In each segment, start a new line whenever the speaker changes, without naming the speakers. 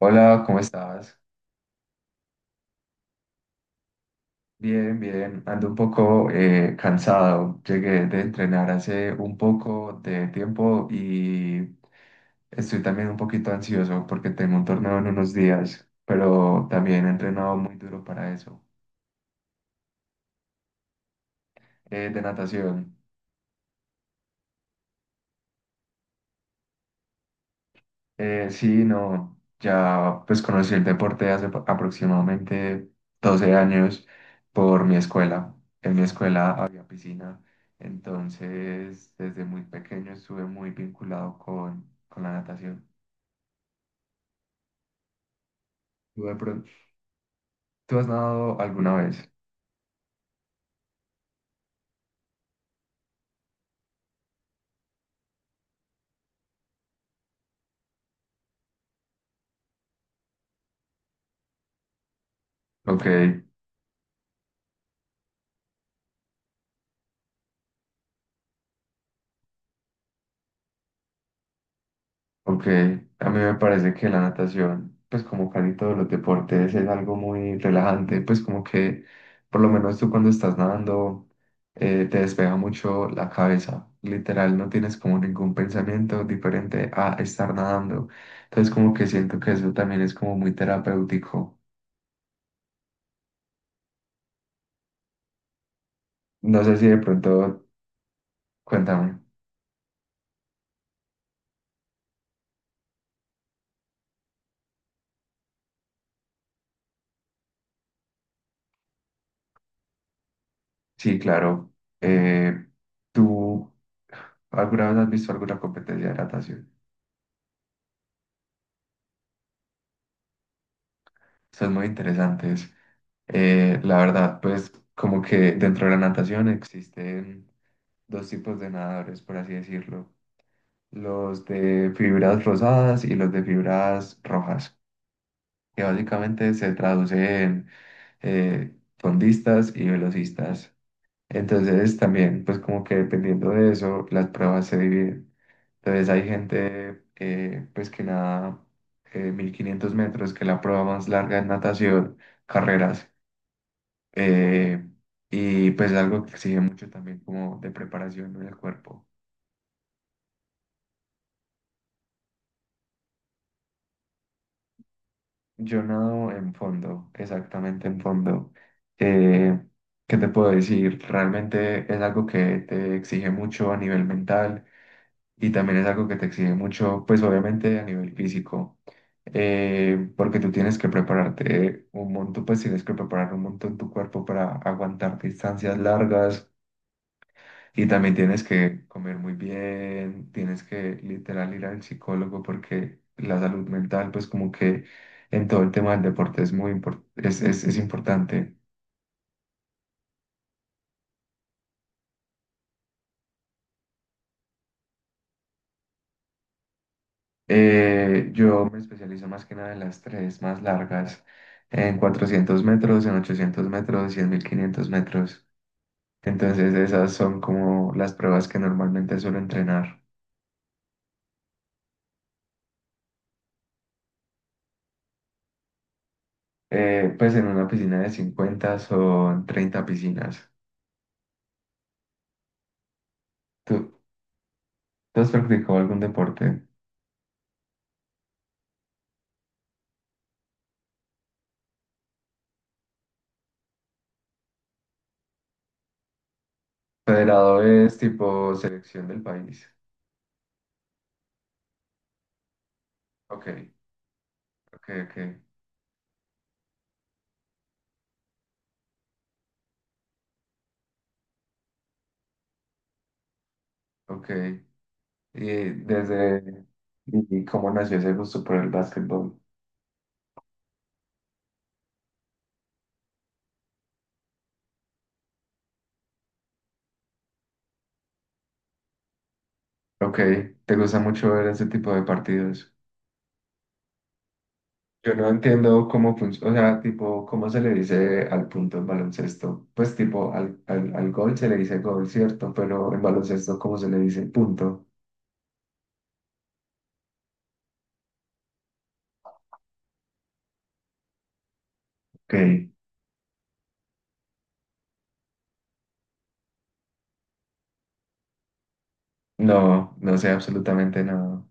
Hola, ¿cómo estás? Bien, bien. Ando un poco cansado. Llegué de entrenar hace un poco de tiempo y estoy también un poquito ansioso porque tengo un torneo en unos días, pero también he entrenado muy duro para eso. De natación. Sí, no, ya pues conocí el deporte hace aproximadamente 12 años por mi escuela. En mi escuela había piscina, entonces desde muy pequeño estuve muy vinculado con la natación. ¿Tú, de pron- ¿Tú has nadado alguna vez? Ok. Ok, a mí me parece que la natación, pues como casi todos los deportes, es algo muy relajante, pues como que por lo menos tú cuando estás nadando te despega mucho la cabeza, literal, no tienes como ningún pensamiento diferente a estar nadando, entonces como que siento que eso también es como muy terapéutico. No sé si de pronto, cuéntame. Sí, claro, eh, ¿tú alguna vez has visto alguna competencia de natación? Son muy interesantes. La verdad, pues como que dentro de la natación existen dos tipos de nadadores, por así decirlo. Los de fibras rosadas y los de fibras rojas, que básicamente se traduce en fondistas y velocistas. Entonces también, pues como que dependiendo de eso, las pruebas se dividen. Entonces hay gente pues que nada 1500 metros, que es la prueba más larga en natación, carreras. Eh, y pues algo que exige mucho también como de preparación en el cuerpo. Yo nado en fondo, exactamente en fondo. Eh, ¿Qué te puedo decir? Realmente es algo que te exige mucho a nivel mental y también es algo que te exige mucho, pues obviamente a nivel físico. Porque tú tienes que prepararte un montón, pues tienes que preparar un montón tu cuerpo para aguantar distancias largas. Y también tienes que comer muy bien, tienes que literal ir al psicólogo porque la salud mental, pues como que en todo el tema del deporte es muy es importante. Yo me especializo más que nada en las tres más largas, en 400 metros, en 800 metros y en 1500 metros. Entonces esas son como las pruebas que normalmente suelo entrenar. Pues en una piscina de 50 son 30 piscinas. ¿Tú, ¿tú has practicado algún deporte? Federado es tipo selección del país. Ok, ok, ok, ok. Y desde... ¿Y cómo nació ese gusto por el básquetbol? Ok, ¿te gusta mucho ver ese tipo de partidos? Yo no entiendo cómo funciona, o sea, tipo, ¿cómo se le dice al punto en baloncesto? Pues tipo, al gol se le dice gol, ¿cierto? Pero en baloncesto, ¿cómo se le dice punto? Ok, no, no sé absolutamente nada.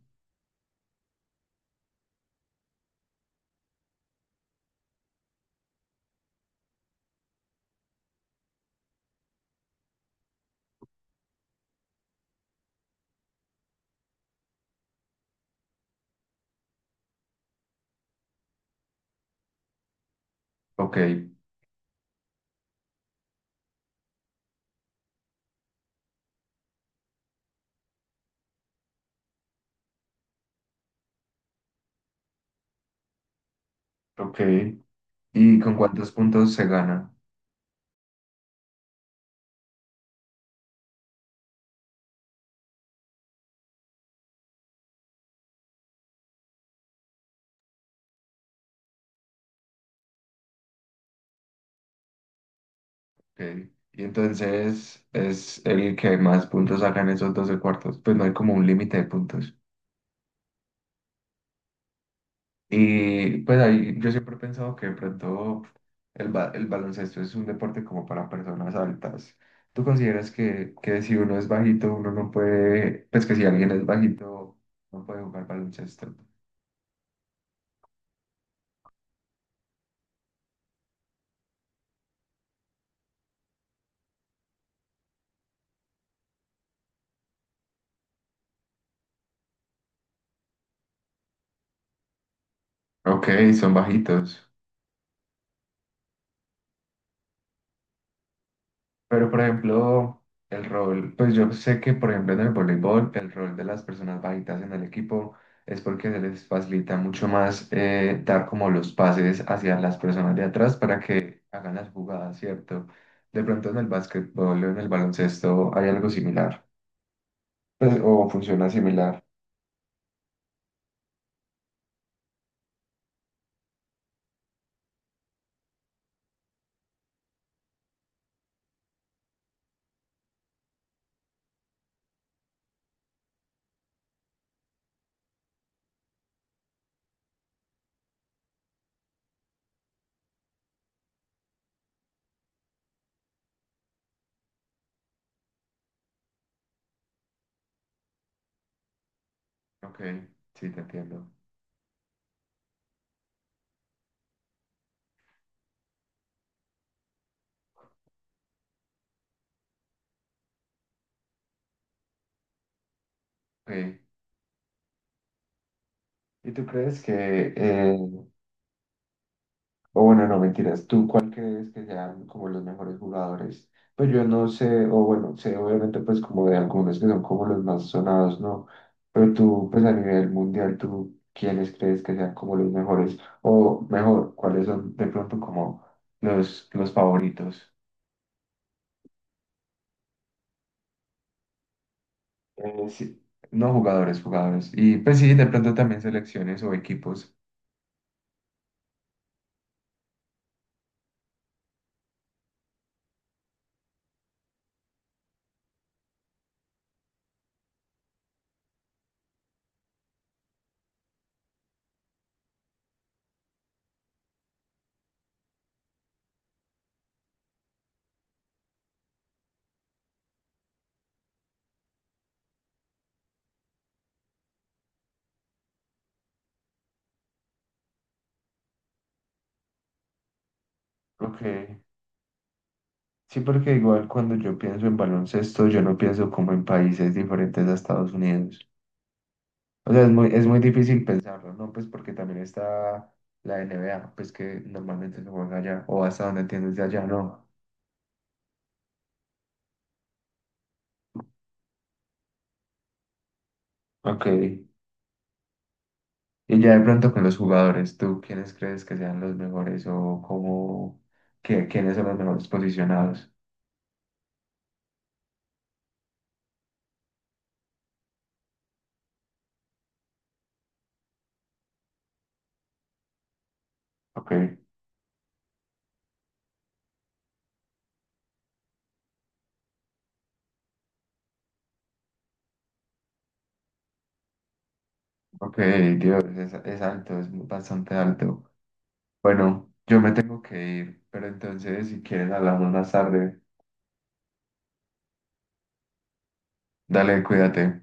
Ok, ok. ¿Y con cuántos puntos se gana? Ok. Y entonces es el que más puntos saca en esos 12 cuartos. Pues no hay como un límite de puntos. Y pues ahí yo siempre he pensado que de pronto el baloncesto es un deporte como para personas altas. ¿Tú consideras que si uno es bajito, uno no puede, pues que si alguien es bajito, no puede jugar baloncesto? Ok, son bajitos. Pero, por ejemplo, el rol, pues yo sé que, por ejemplo, en el voleibol, el rol de las personas bajitas en el equipo es porque se les facilita mucho más dar como los pases hacia las personas de atrás para que hagan las jugadas, ¿cierto? De pronto en el básquetbol o en el baloncesto hay algo similar, pues, o funciona similar. Ok, sí, te entiendo. Ok. ¿Y tú crees que o bueno, no, mentiras. ¿Tú cuál crees que sean como los mejores jugadores? Pues yo no sé, o bueno, sé obviamente pues como de algunos que son como los más sonados, ¿no? Pero tú pues a nivel mundial, ¿tú quiénes crees que sean como los mejores? O mejor, ¿cuáles son de pronto como los favoritos? Sí, no jugadores, jugadores. Y pues sí, de pronto también selecciones o equipos. Ok, sí, porque igual cuando yo pienso en baloncesto, yo no pienso como en países diferentes a Estados Unidos. O sea, es muy difícil pensarlo, ¿no? Pues porque también está la NBA, pues que normalmente se juega allá, o hasta donde entiendes de allá, ¿no? Ok. Y ya de pronto con los jugadores, ¿tú quiénes crees que sean los mejores o cómo, quiénes son los mejores posicionados? Ok. Ok, Dios, es alto, es bastante alto. Bueno, yo me tengo que ir, pero entonces si quieres hablamos más tarde. Dale, cuídate.